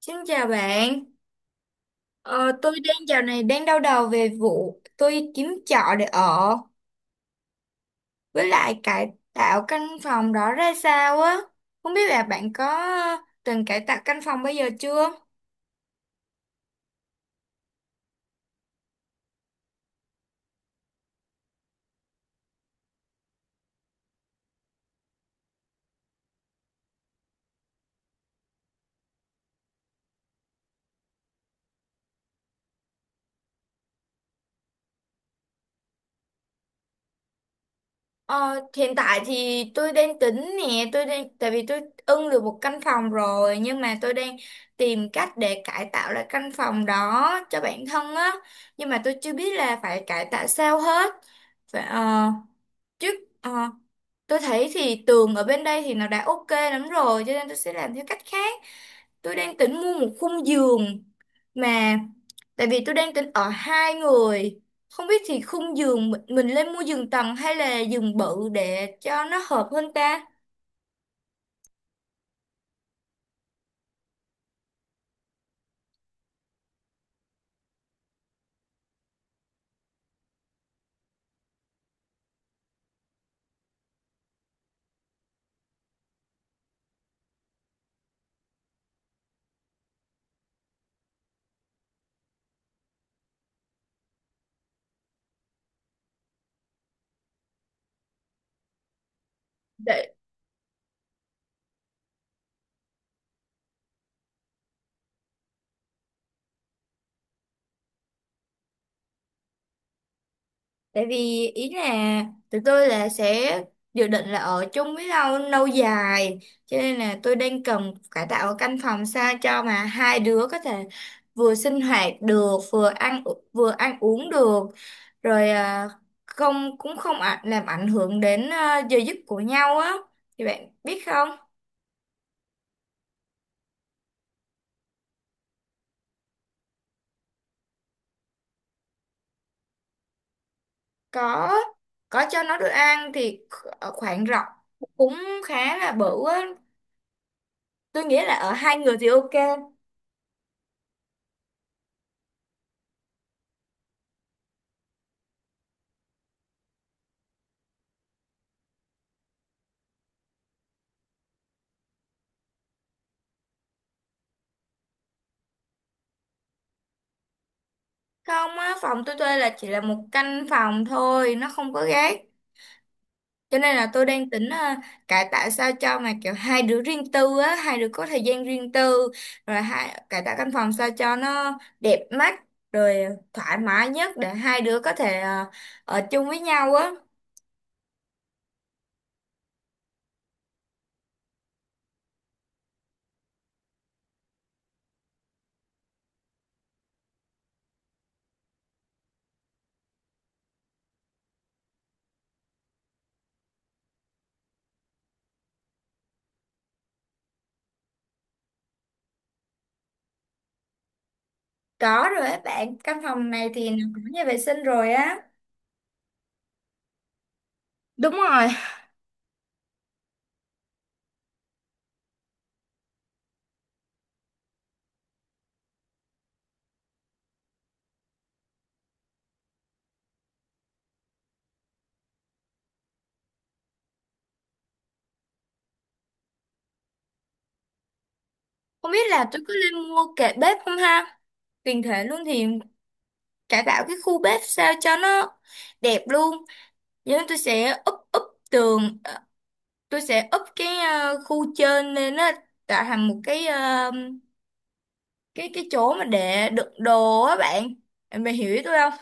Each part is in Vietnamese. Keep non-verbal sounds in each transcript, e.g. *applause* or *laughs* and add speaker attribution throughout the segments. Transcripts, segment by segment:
Speaker 1: Xin chào bạn, ờ, tôi dạo này đang đau đầu về vụ tôi kiếm trọ để ở với lại cải tạo căn phòng đó ra sao á. Không biết là bạn có từng cải tạo căn phòng bây giờ chưa? Ờ, Hiện tại thì tôi đang tính nè, tôi đang tại vì tôi ưng được một căn phòng rồi, nhưng mà tôi đang tìm cách để cải tạo lại căn phòng đó cho bản thân á, nhưng mà tôi chưa biết là phải cải tạo sao hết. Phải, ờ, chứ ờ, Tôi thấy thì tường ở bên đây thì nó đã ok lắm rồi, cho nên tôi sẽ làm theo cách khác. Tôi đang tính mua một khung giường, mà tại vì tôi đang tính ở hai người, không biết thì khung giường mình lên mua giường tầng hay là giường bự để cho nó hợp hơn ta. Tại vì ý là tụi tôi là sẽ dự định là ở chung với nhau lâu dài, cho nên là tôi đang cần cải tạo ở căn phòng sao cho mà hai đứa có thể vừa sinh hoạt được, vừa ăn uống được, rồi à, không cũng không ạ- làm ảnh hưởng đến giờ giấc của nhau á, thì bạn biết không. có có cho nó được ăn thì ở khoảng rộng cũng khá là bự á, tôi nghĩ là ở hai người thì ok. Không á, phòng tôi thuê là chỉ là một căn phòng thôi, nó không có gác. Cho nên là tôi đang tính cải tạo sao cho mà kiểu hai đứa riêng tư á, hai đứa có thời gian riêng tư, rồi hai cải tạo căn phòng sao cho nó đẹp mắt, rồi thoải mái nhất để hai đứa có thể ở chung với nhau á. Có rồi á bạn, căn phòng này thì nó có nhà vệ sinh rồi á. Đúng rồi, không biết là tôi có nên mua kệ bếp không ha? Tiền thể luôn thì cải tạo cái khu bếp sao cho nó đẹp luôn. Vậy nên tôi sẽ úp úp tường, tôi sẽ úp cái khu trên lên á, tạo thành một cái cái chỗ mà để đựng đồ á bạn. Em mày hiểu ý tôi không?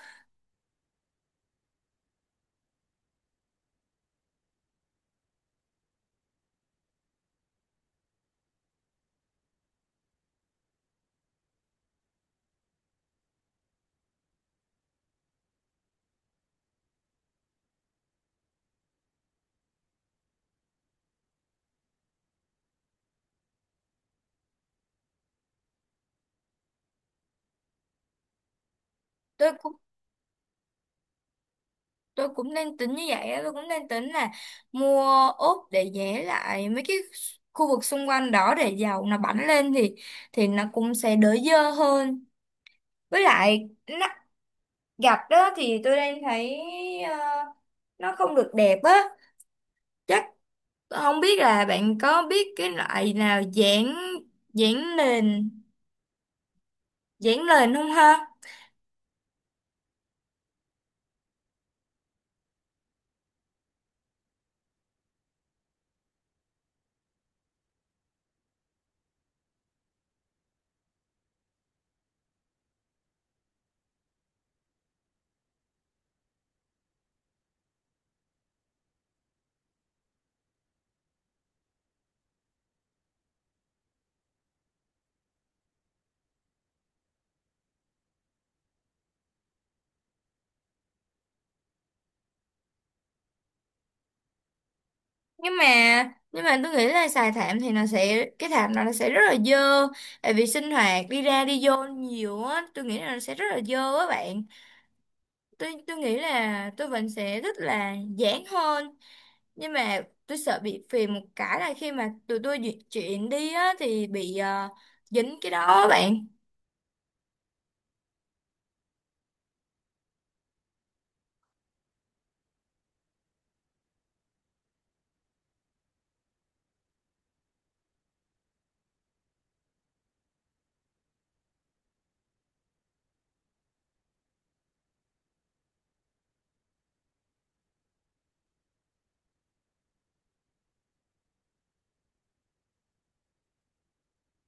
Speaker 1: tôi cũng tôi cũng đang tính như vậy á, tôi cũng đang tính là mua ốp để vẽ lại mấy cái khu vực xung quanh đó, để dầu nó bắn lên thì nó cũng sẽ đỡ dơ hơn. Với lại nó, gạch đó thì tôi đang thấy ờ, nó không được đẹp á. Chắc không biết là bạn có biết cái loại nào giảng giảng nền giảng nền không ha? Nhưng mà nhưng mà tôi nghĩ là xài thảm thì nó sẽ cái thảm nó sẽ rất là dơ, tại vì sinh hoạt đi ra đi vô nhiều á, tôi nghĩ là nó sẽ rất là dơ á bạn. Tôi nghĩ là tôi vẫn sẽ thích là giảng hơn, nhưng mà tôi sợ bị phiền một cái là khi mà tụi tôi di chuyển đi á thì bị dính cái đó á bạn.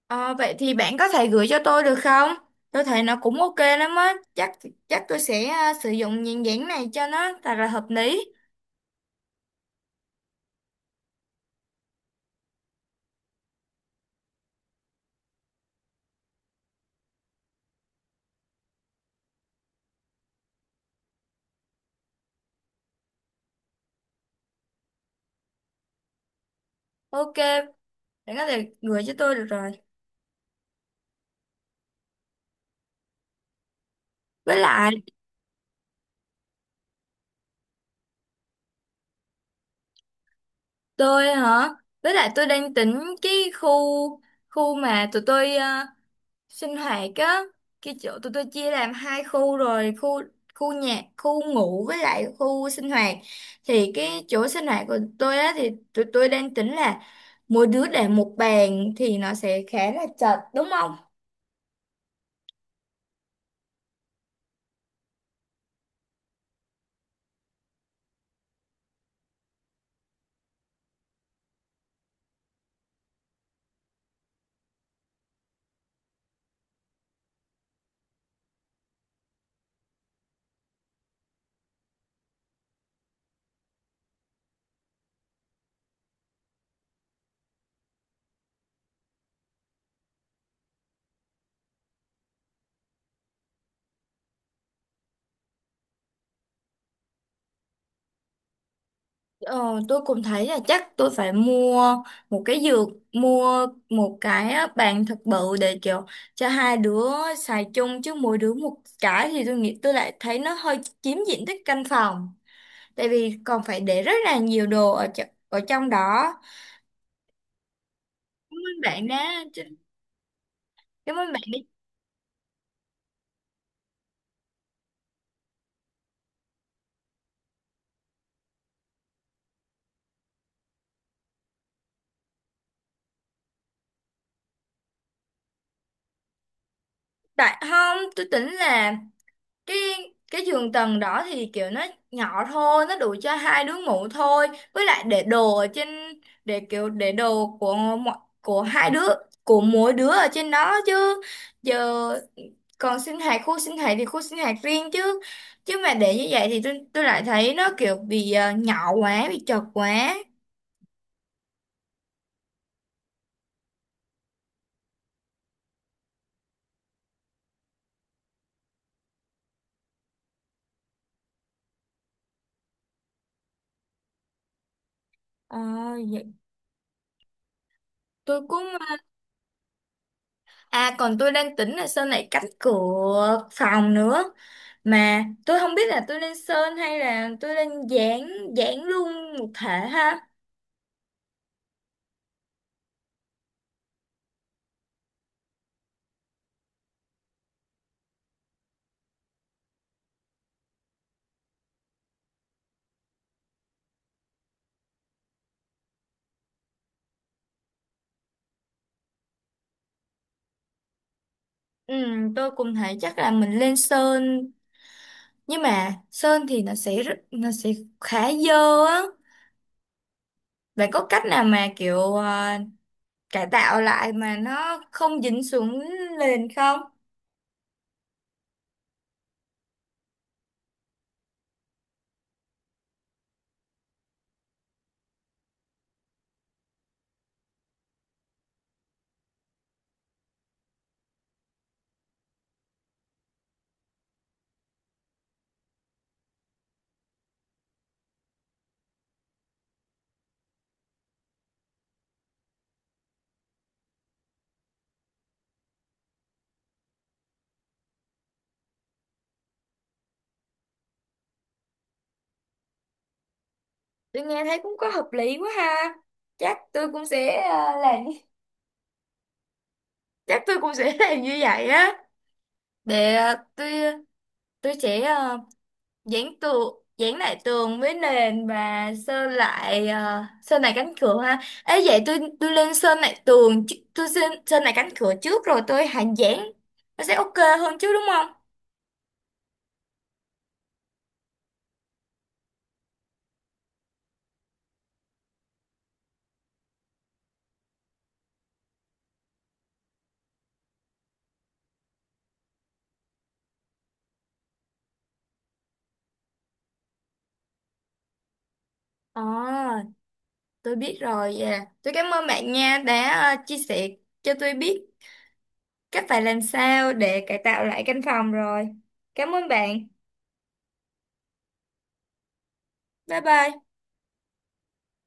Speaker 1: Ờ, vậy thì bạn có thể gửi cho tôi được không? Tôi thấy nó cũng ok lắm á. Chắc Chắc tôi sẽ sử dụng nhãn dán này cho nó thật là hợp lý. Ok, bạn có thể gửi cho tôi được rồi. Với lại tôi hả? Với lại tôi đang tính cái khu khu mà tụi tôi sinh hoạt á, cái chỗ tụi tôi chia làm hai khu rồi, khu khu nhà, khu ngủ với lại khu sinh hoạt. Thì cái chỗ sinh hoạt của tôi á thì tụi tôi đang tính là mỗi đứa để một bàn thì nó sẽ khá là chật đúng không. Ờ, tôi cũng thấy là chắc tôi phải mua một cái giường, mua một cái á, bàn thật bự để kiểu cho hai đứa xài chung, chứ mỗi đứa một cái thì tôi nghĩ, tôi lại thấy nó hơi chiếm diện tích căn phòng, tại vì còn phải để rất là nhiều đồ ở ở trong đó. cảm ơn bạn đã Cảm ơn bạn đã tại không, tôi tính là cái cái giường tầng đó thì kiểu nó nhỏ thôi, nó đủ cho hai đứa ngủ thôi, với lại để đồ ở trên, để kiểu để đồ của mọi của hai đứa của mỗi đứa ở trên đó chứ. Giờ còn sinh hoạt khu sinh hoạt thì khu sinh hoạt riêng chứ, chứ mà để như vậy thì tôi lại thấy nó kiểu bị nhỏ quá, bị chật quá. Ờ, vậy tôi cũng. À, còn tôi đang tính là sơn lại cánh cửa phòng nữa. Mà tôi không biết là tôi nên sơn hay là tôi nên dán, dán luôn một thể ha. Ừ, tôi cũng thấy chắc là mình lên sơn. Nhưng mà sơn thì nó sẽ rất, nó sẽ khá dơ á. Bạn có cách nào mà kiểu cải tạo lại mà nó không dính xuống nền không? Tôi nghe thấy cũng có hợp lý quá ha. Chắc tôi cũng sẽ làm. Chắc tôi cũng sẽ *laughs* làm như vậy á, để tôi sẽ dán lại tường với nền và sơn lại sơn lại cánh cửa ha. Ấy vậy, tôi lên sơn lại tường chứ- tôi sơn sơn lại cánh cửa trước, rồi tôi hạ dán, nó sẽ ok hơn chứ đúng không. Ờ, tôi biết rồi. Dạ. Tôi cảm ơn bạn nha, đã chia sẻ cho tôi biết cách phải làm sao để cải tạo lại căn phòng rồi. Cảm ơn bạn. Bye bye.